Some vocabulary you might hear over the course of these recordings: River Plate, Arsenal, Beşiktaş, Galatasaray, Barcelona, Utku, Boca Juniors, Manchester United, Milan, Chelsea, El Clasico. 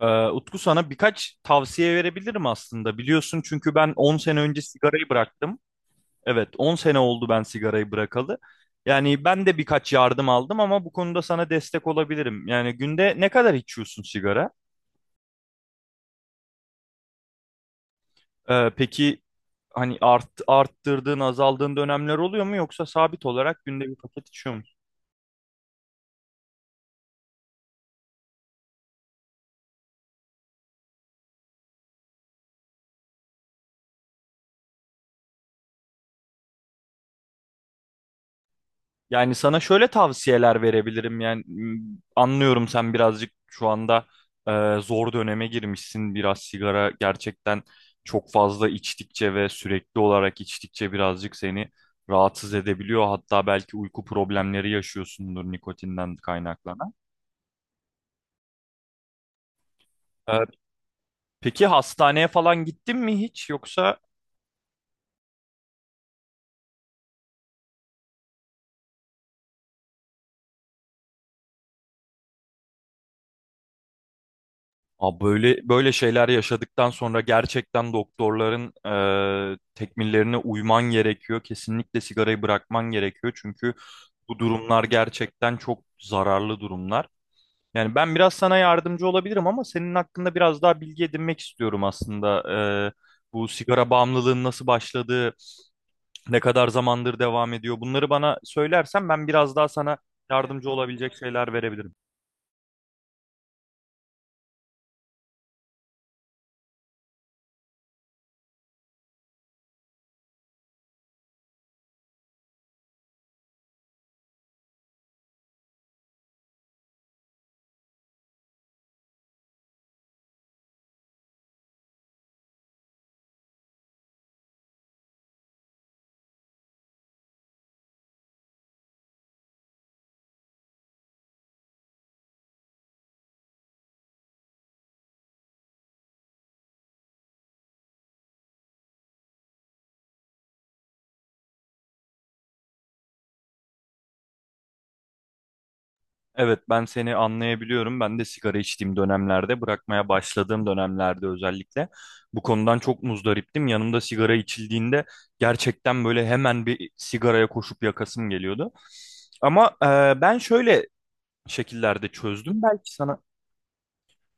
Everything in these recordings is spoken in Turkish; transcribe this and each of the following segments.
Utku sana birkaç tavsiye verebilirim aslında. Biliyorsun çünkü ben 10 sene önce sigarayı bıraktım. Evet, 10 sene oldu ben sigarayı bırakalı. Yani ben de birkaç yardım aldım ama bu konuda sana destek olabilirim. Yani günde ne kadar içiyorsun sigara? Peki hani arttırdığın, azaldığın dönemler oluyor mu yoksa sabit olarak günde bir paket içiyor. Yani sana şöyle tavsiyeler verebilirim. Anlıyorum, sen birazcık şu anda zor döneme girmişsin. Biraz sigara gerçekten çok fazla içtikçe ve sürekli olarak içtikçe birazcık seni rahatsız edebiliyor. Hatta belki uyku problemleri yaşıyorsundur nikotinden kaynaklanan. E, peki hastaneye falan gittin mi hiç yoksa? Abi böyle böyle şeyler yaşadıktan sonra gerçekten doktorların tekmillerine uyman gerekiyor. Kesinlikle sigarayı bırakman gerekiyor. Çünkü bu durumlar gerçekten çok zararlı durumlar. Yani ben biraz sana yardımcı olabilirim ama senin hakkında biraz daha bilgi edinmek istiyorum aslında. Bu sigara bağımlılığın nasıl başladığı, ne kadar zamandır devam ediyor. Bunları bana söylersen ben biraz daha sana yardımcı olabilecek şeyler verebilirim. Evet, ben seni anlayabiliyorum. Ben de sigara içtiğim dönemlerde, bırakmaya başladığım dönemlerde özellikle bu konudan çok muzdariptim. Yanımda sigara içildiğinde gerçekten böyle hemen bir sigaraya koşup yakasım geliyordu. Ama ben şöyle şekillerde çözdüm. Belki sana.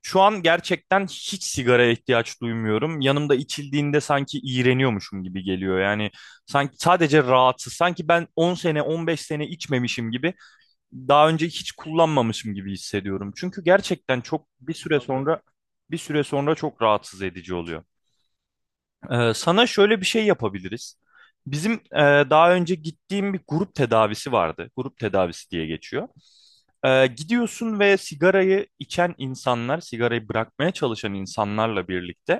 Şu an gerçekten hiç sigaraya ihtiyaç duymuyorum. Yanımda içildiğinde sanki iğreniyormuşum gibi geliyor. Yani sanki sadece rahatsız. Sanki ben 10 sene, 15 sene içmemişim gibi, daha önce hiç kullanmamışım gibi hissediyorum. Çünkü gerçekten çok bir süre sonra, bir süre sonra çok rahatsız edici oluyor. Sana şöyle bir şey yapabiliriz. Bizim daha önce gittiğim bir grup tedavisi vardı. Grup tedavisi diye geçiyor. Gidiyorsun ve sigarayı içen insanlar, sigarayı bırakmaya çalışan insanlarla birlikte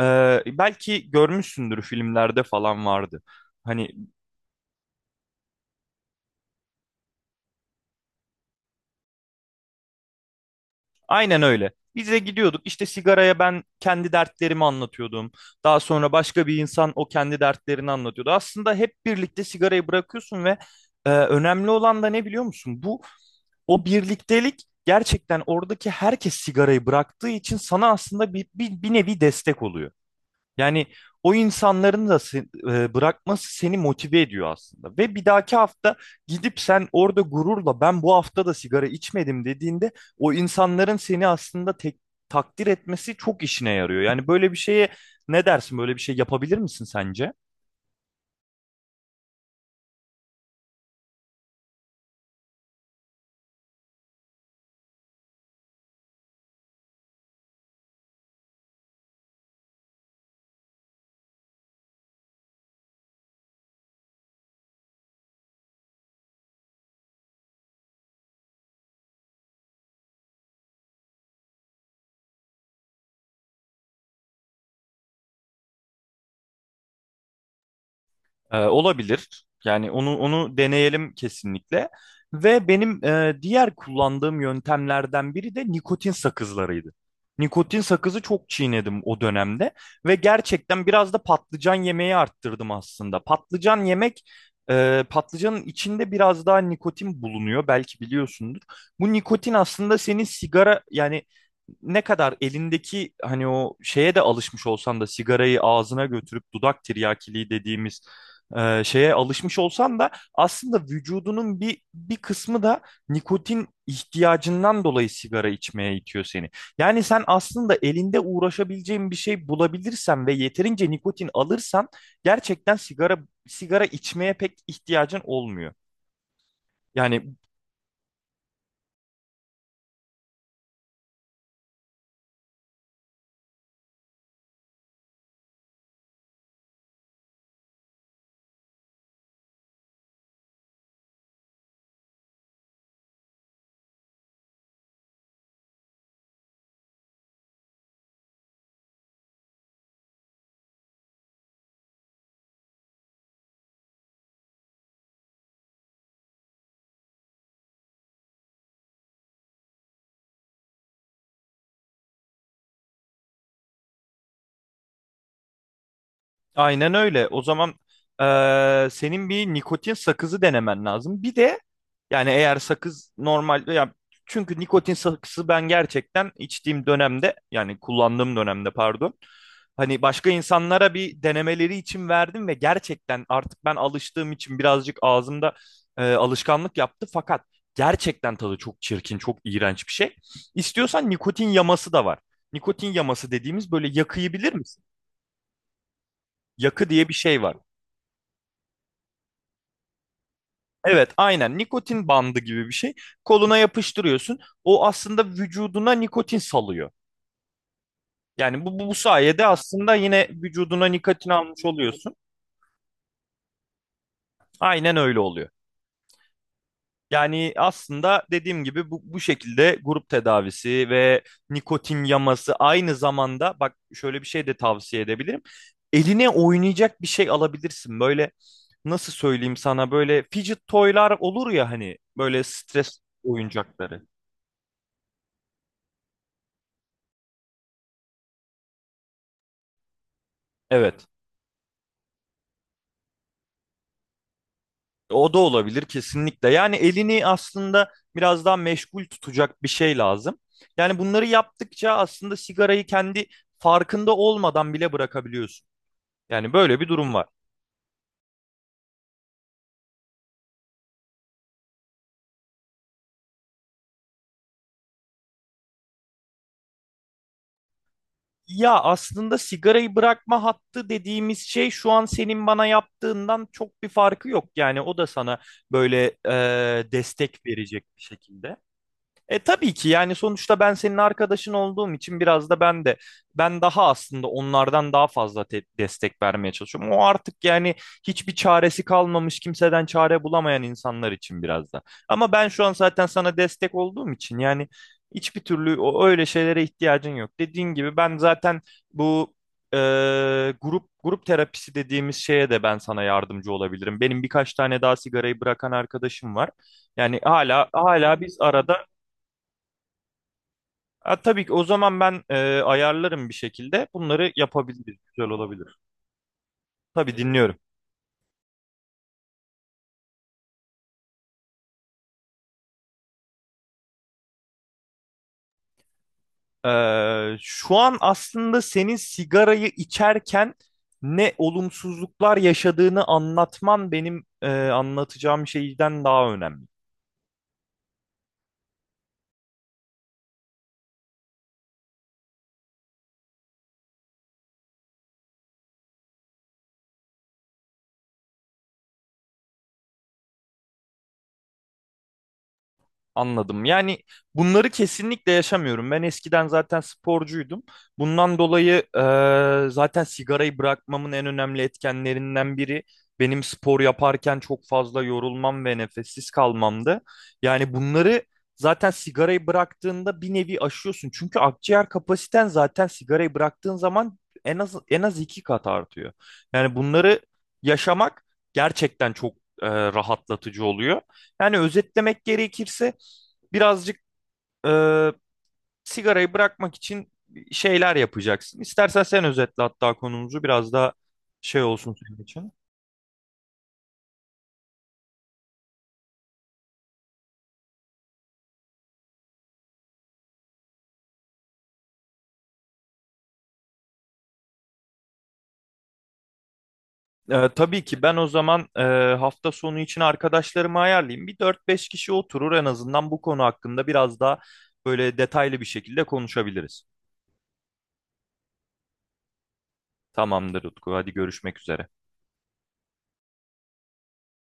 e, belki görmüşsündür, filmlerde falan vardı. Hani aynen öyle. Biz de gidiyorduk. İşte sigaraya ben kendi dertlerimi anlatıyordum. Daha sonra başka bir insan o kendi dertlerini anlatıyordu. Aslında hep birlikte sigarayı bırakıyorsun ve önemli olan da ne biliyor musun? Bu o birliktelik, gerçekten oradaki herkes sigarayı bıraktığı için sana aslında bir nevi destek oluyor. Yani o insanların da bırakması seni motive ediyor aslında. Ve bir dahaki hafta gidip sen orada gururla ben bu hafta da sigara içmedim dediğinde o insanların seni aslında takdir etmesi çok işine yarıyor. Yani böyle bir şeye ne dersin? Böyle bir şey yapabilir misin sence? Olabilir. Yani onu deneyelim kesinlikle. Ve benim diğer kullandığım yöntemlerden biri de nikotin sakızlarıydı. Nikotin sakızı çok çiğnedim o dönemde ve gerçekten biraz da patlıcan yemeği arttırdım aslında. Patlıcanın içinde biraz daha nikotin bulunuyor, belki biliyorsundur. Bu nikotin aslında senin sigara, yani ne kadar elindeki hani o şeye de alışmış olsan da, sigarayı ağzına götürüp dudak tiryakiliği dediğimiz şeye alışmış olsan da aslında vücudunun bir kısmı da nikotin ihtiyacından dolayı sigara içmeye itiyor seni. Yani sen aslında elinde uğraşabileceğin bir şey bulabilirsen ve yeterince nikotin alırsan gerçekten sigara içmeye pek ihtiyacın olmuyor. Yani aynen öyle. O zaman senin bir nikotin sakızı denemen lazım. Bir de yani eğer sakız normal, ya çünkü nikotin sakızı ben gerçekten içtiğim dönemde, yani kullandığım dönemde pardon, hani başka insanlara bir denemeleri için verdim ve gerçekten artık ben alıştığım için birazcık ağzımda alışkanlık yaptı, fakat gerçekten tadı çok çirkin, çok iğrenç bir şey. İstiyorsan nikotin yaması da var. Nikotin yaması dediğimiz böyle yakıyı bilir misin? Yakı diye bir şey var. Evet, aynen nikotin bandı gibi bir şey. Koluna yapıştırıyorsun. O aslında vücuduna nikotin salıyor. Yani bu sayede aslında yine vücuduna nikotin almış oluyorsun. Aynen öyle oluyor. Yani aslında dediğim gibi bu şekilde grup tedavisi ve nikotin yaması, aynı zamanda bak şöyle bir şey de tavsiye edebilirim. Eline oynayacak bir şey alabilirsin. Böyle nasıl söyleyeyim sana, böyle fidget toylar olur ya, hani böyle stres oyuncakları. Evet. O da olabilir kesinlikle. Yani elini aslında biraz daha meşgul tutacak bir şey lazım. Yani bunları yaptıkça aslında sigarayı kendi farkında olmadan bile bırakabiliyorsun. Yani böyle bir durum var. Ya aslında sigarayı bırakma hattı dediğimiz şey, şu an senin bana yaptığından çok bir farkı yok. Yani o da sana böyle destek verecek bir şekilde. E tabii ki, yani sonuçta ben senin arkadaşın olduğum için biraz da ben de ben daha aslında onlardan daha fazla destek vermeye çalışıyorum. O artık yani hiçbir çaresi kalmamış, kimseden çare bulamayan insanlar için biraz da. Ama ben şu an zaten sana destek olduğum için yani hiçbir türlü o öyle şeylere ihtiyacın yok. Dediğin gibi ben zaten bu e, grup terapisi dediğimiz şeye de ben sana yardımcı olabilirim. Benim birkaç tane daha sigarayı bırakan arkadaşım var. Yani hala biz arada. Ha, tabii ki, o zaman ben ayarlarım bir şekilde. Bunları yapabiliriz. Güzel olabilir. Tabii, dinliyorum. Şu an aslında senin sigarayı içerken ne olumsuzluklar yaşadığını anlatman benim anlatacağım şeyden daha önemli. Anladım. Yani bunları kesinlikle yaşamıyorum. Ben eskiden zaten sporcuydum. Bundan dolayı zaten sigarayı bırakmamın en önemli etkenlerinden biri benim spor yaparken çok fazla yorulmam ve nefessiz kalmamdı. Yani bunları zaten sigarayı bıraktığında bir nevi aşıyorsun. Çünkü akciğer kapasiten zaten sigarayı bıraktığın zaman en az iki kat artıyor. Yani bunları yaşamak gerçekten çok rahatlatıcı oluyor. Yani özetlemek gerekirse birazcık e, sigarayı bırakmak için şeyler yapacaksın. İstersen sen özetle, hatta konumuzu biraz daha şey olsun senin için. Tabii ki, ben o zaman hafta sonu için arkadaşlarımı ayarlayayım. Bir dört beş kişi oturur en azından, bu konu hakkında biraz daha böyle detaylı bir şekilde konuşabiliriz. Tamamdır Utku, hadi görüşmek üzere.